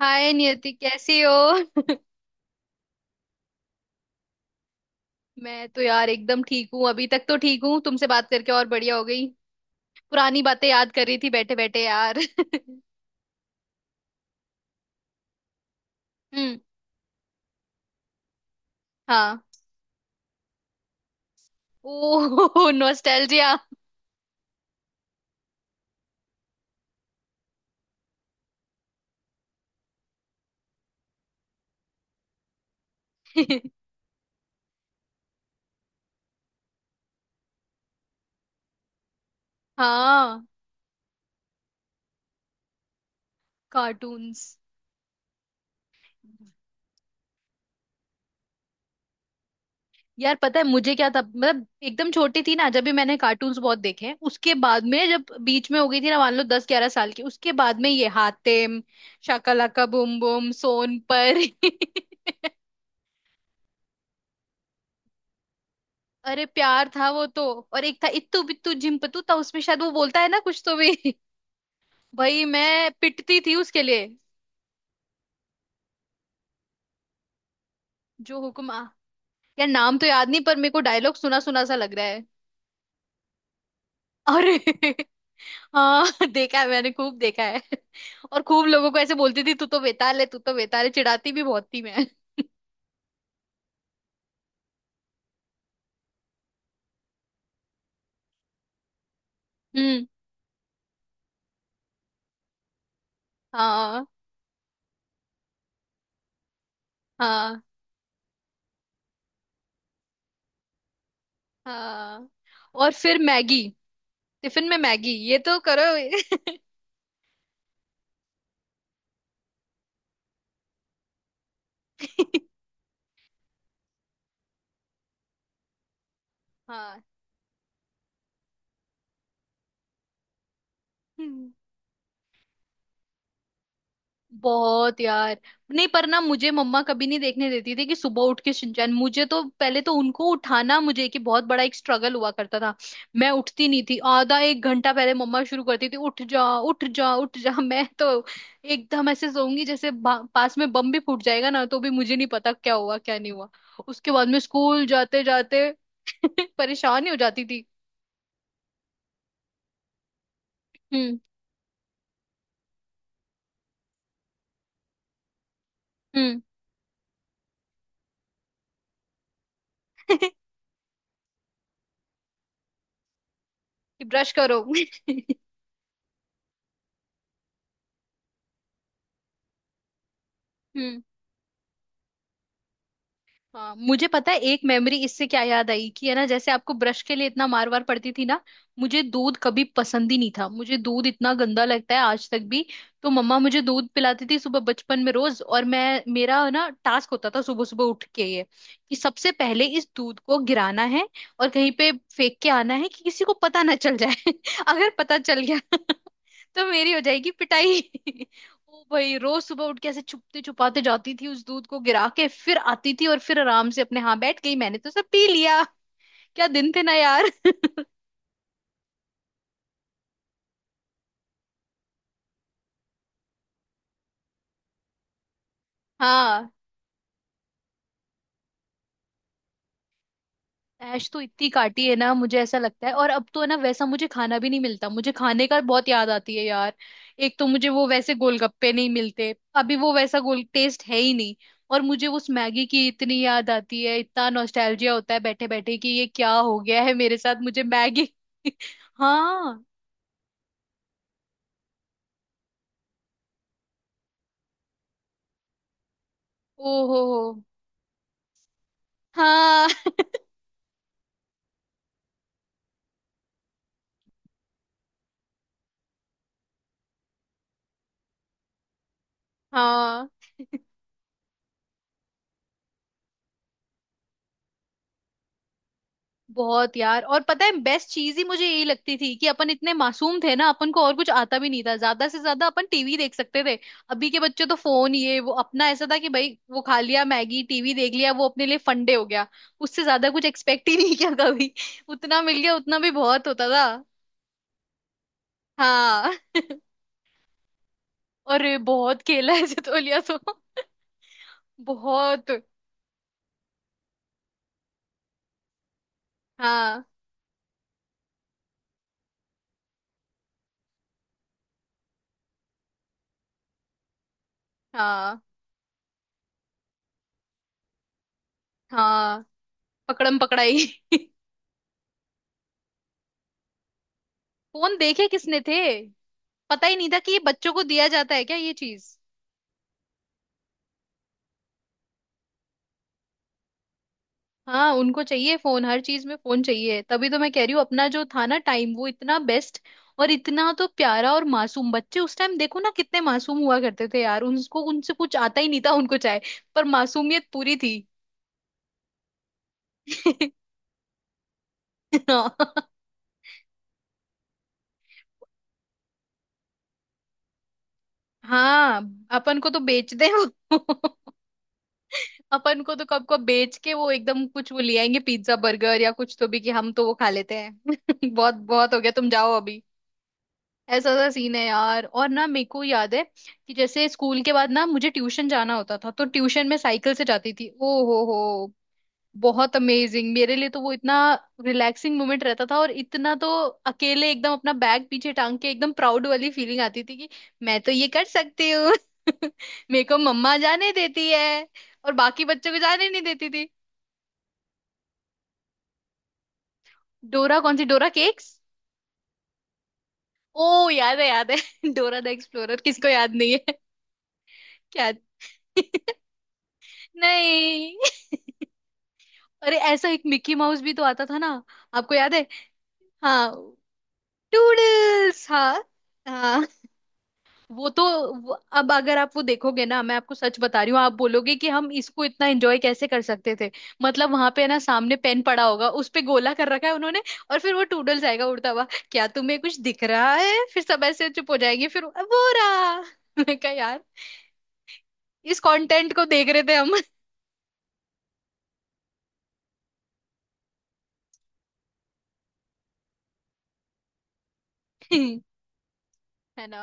हाय नियति, कैसी हो। मैं तो यार एकदम ठीक हूँ, अभी तक तो ठीक हूँ। तुमसे बात करके और बढ़िया हो गई। पुरानी बातें याद कर रही थी बैठे बैठे यार। हम्म। हाँ। ओह नॉस्टैल्जिया। हाँ, कार्टून्स। यार पता है मुझे क्या था, मतलब एकदम छोटी थी ना जब भी मैंने कार्टून्स बहुत देखे हैं। उसके बाद में जब बीच में हो गई थी ना, मान लो 10-11 साल की, उसके बाद में ये हातिम, शाका लाका बूम बूम, सोन पर। अरे प्यार था वो तो। और एक था इत्तू बित्तू झिम्पतू, था उसमें शायद वो बोलता है ना कुछ तो भी। भाई मैं पिटती थी उसके लिए। जो हुक्म आ। यार नाम तो याद नहीं, पर मेरे को डायलॉग सुना सुना सा लग रहा है। अरे। हाँ, देखा है मैंने खूब देखा है। और खूब लोगों को ऐसे बोलती थी, तू तो बेताल है, तू तो बेताल है। चिढ़ाती भी बहुत थी मैं। हम्म। हाँ, हाँ, हाँ। और फिर मैगी, टिफिन में मैगी ये तो करो। हाँ। हम्म। बहुत यार। नहीं पर ना, मुझे मम्मा कभी नहीं देखने देती थी कि सुबह उठ के शिनचैन। मुझे तो पहले तो उनको उठाना, मुझे कि बहुत बड़ा एक स्ट्रगल हुआ करता था। मैं उठती नहीं थी। आधा एक घंटा पहले मम्मा शुरू करती थी, उठ जा उठ जा उठ जा। मैं तो एकदम ऐसे सोऊंगी जैसे पास में बम भी फूट जाएगा ना, तो भी मुझे नहीं पता क्या हुआ क्या नहीं हुआ। उसके बाद में स्कूल जाते जाते। परेशान ही हो जाती थी। हम्म। हम्म। कि ब्रश करो। हम्म। हाँ मुझे पता है, एक मेमोरी इससे क्या याद आई कि है ना, जैसे आपको ब्रश के लिए इतना मार वार पड़ती थी ना। मुझे दूध कभी पसंद ही नहीं था, मुझे दूध इतना गंदा लगता है आज तक भी। तो मम्मा मुझे दूध पिलाती थी सुबह बचपन में रोज, और मैं, मेरा ना टास्क होता था सुबह सुबह उठ के ये, कि सबसे पहले इस दूध को गिराना है और कहीं पे फेंक के आना है कि किसी को पता ना चल जाए। अगर पता चल गया तो मेरी हो जाएगी पिटाई। ओ भाई, रोज सुबह उठ के ऐसे छुपते छुपाते जाती थी, उस दूध को गिरा के फिर आती थी और फिर आराम से अपने, हाँ बैठ गई, मैंने तो सब पी लिया। क्या दिन थे ना यार। हाँ। ऐश तो इतनी काटी है ना, मुझे ऐसा लगता है। और अब तो है ना वैसा, मुझे खाना भी नहीं मिलता, मुझे खाने का बहुत याद आती है यार। एक तो मुझे वो वैसे गोलगप्पे नहीं मिलते अभी, वो वैसा गोल टेस्ट है ही नहीं। और मुझे उस मैगी की इतनी याद आती है, इतना नॉस्टैल्जिया होता है बैठे बैठे कि ये क्या हो गया है मेरे साथ। मुझे मैगी। हाँ। ओहो। हाँ। हाँ। बहुत यार। और पता है बेस्ट चीज ही मुझे यही लगती थी कि अपन इतने मासूम थे ना, अपन को और कुछ आता भी नहीं था, ज्यादा से ज्यादा अपन टीवी देख सकते थे। अभी के बच्चे तो फोन ये वो, अपना ऐसा था कि भाई वो खा लिया मैगी, टीवी देख लिया, वो अपने लिए फंडे हो गया। उससे ज्यादा कुछ एक्सपेक्ट ही नहीं किया कभी। उतना मिल गया, उतना भी बहुत होता था। हाँ और बहुत खेला है सितोलिया तो। बहुत। हाँ, हाँ, हाँ, पकड़म पकड़ाई। फोन देखे किसने थे। पता ही नहीं था कि ये बच्चों को दिया जाता है क्या ये चीज। हाँ उनको चाहिए फोन, हर चीज में फोन चाहिए, तभी तो मैं कह रही हूँ अपना जो था ना टाइम वो इतना बेस्ट। और इतना तो प्यारा और मासूम बच्चे उस टाइम, देखो ना कितने मासूम हुआ करते थे यार, उनको उनसे कुछ आता ही नहीं था, उनको चाहे, पर मासूमियत पूरी थी। हाँ अपन को तो बेच दे वो। अपन को तो कब को बेच के, वो एकदम कुछ वो ले आएंगे पिज्जा बर्गर या कुछ तो भी, कि हम तो वो खा लेते हैं। बहुत बहुत हो गया, तुम जाओ अभी। ऐसा सा सीन है यार, और ना मेरे को याद है कि जैसे स्कूल के बाद ना मुझे ट्यूशन जाना होता था, तो ट्यूशन में साइकिल से जाती थी। ओ हो, बहुत अमेजिंग मेरे लिए तो वो, इतना रिलैक्सिंग मोमेंट रहता था। और इतना तो अकेले एकदम अपना बैग पीछे टांग के एकदम प्राउड वाली फीलिंग आती थी कि मैं तो ये कर सकती हूँ। मेरे को मम्मा जाने देती है, और बाकी बच्चों को जाने नहीं देती थी। डोरा कौन सी, डोरा केक्स। ओ याद है, याद है। डोरा द एक्सप्लोरर, किसको याद नहीं है। क्या। नहीं, अरे ऐसा एक मिक्की माउस भी तो आता था ना। आपको याद है। हाँ, टूडल्स हाँ। हाँ वो तो, वो, अब अगर आप वो देखोगे ना, मैं आपको सच बता रही हूँ, आप बोलोगे कि हम इसको इतना एंजॉय कैसे कर सकते थे। मतलब वहां पे ना सामने पेन पड़ा होगा, उस पे गोला कर रखा है उन्होंने। और फिर वो टूडल्स आएगा उड़ता हुआ, क्या तुम्हें कुछ दिख रहा है, फिर सब ऐसे चुप हो जाएंगे, फिर वो रहा। मैं कहा यार, इस कंटेंट को देख रहे थे हम। है ना।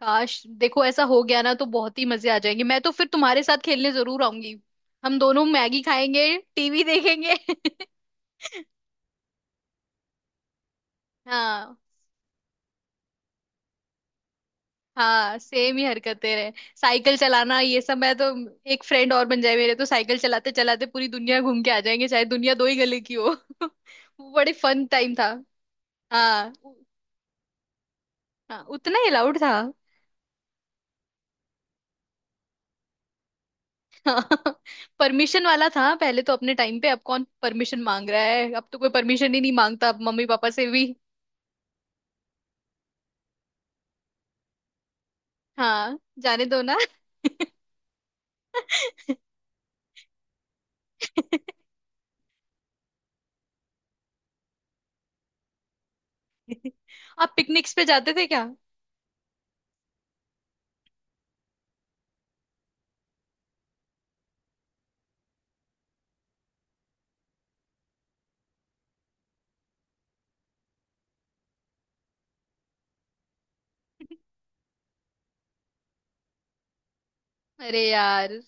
काश देखो ऐसा हो गया ना, तो बहुत ही मजे आ जाएंगे। मैं तो फिर तुम्हारे साथ खेलने जरूर आऊंगी। हम दोनों मैगी खाएंगे, टीवी देखेंगे। हाँ, हाँ सेम ही हरकतें रहे। साइकिल चलाना ये सब, मैं तो, एक फ्रेंड और बन जाए मेरे, तो साइकिल चलाते चलाते पूरी दुनिया घूम के आ जाएंगे, चाहे दुनिया दो ही गले की हो। वो बड़े फन टाइम था। हाँ हाँ उतना ही अलाउड था। परमिशन वाला था पहले तो अपने टाइम पे, अब कौन परमिशन मांग रहा है, अब तो कोई परमिशन ही नहीं मांगता अब मम्मी पापा से भी। हाँ जाने दो ना। आप पिकनिक्स पे जाते थे क्या। अरे यार,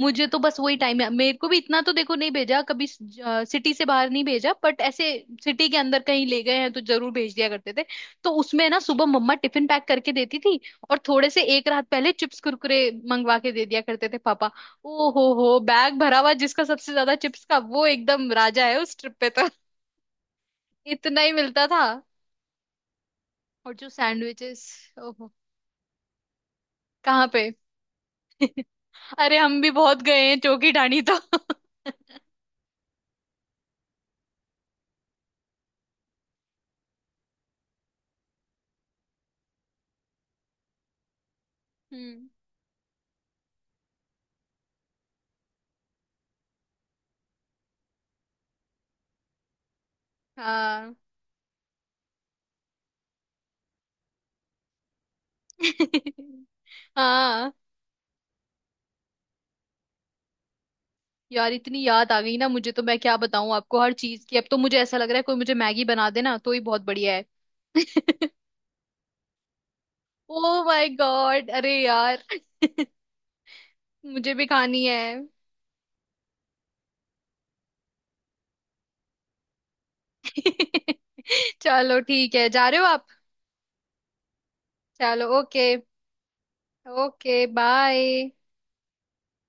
मुझे तो बस वही टाइम है। मेरे को भी इतना तो देखो नहीं भेजा, कभी सिटी से बाहर नहीं भेजा, बट ऐसे सिटी के अंदर कहीं ले गए हैं तो जरूर भेज दिया करते थे। तो उसमें ना सुबह मम्मा टिफिन पैक करके देती थी, और थोड़े से एक रात पहले चिप्स कुरकुरे मंगवा के दे दिया करते थे पापा। ओ हो, बैग भरा हुआ, जिसका सबसे ज्यादा चिप्स का वो एकदम राजा है उस ट्रिप पे तो। इतना ही मिलता था। और जो सैंडविचेस। कहाँ पे। अरे हम भी बहुत गए हैं चौकी ढाणी तो। हम्म। हाँ। हाँ यार, इतनी याद आ गई ना मुझे, तो मैं क्या बताऊं आपको हर चीज की। अब तो मुझे ऐसा लग रहा है कोई मुझे मैगी बना देना, तो ही बहुत बढ़िया है। ओ माय गॉड, अरे यार मुझे भी खानी है। चलो ठीक है, जा रहे हो आप। चलो ओके। Okay bye.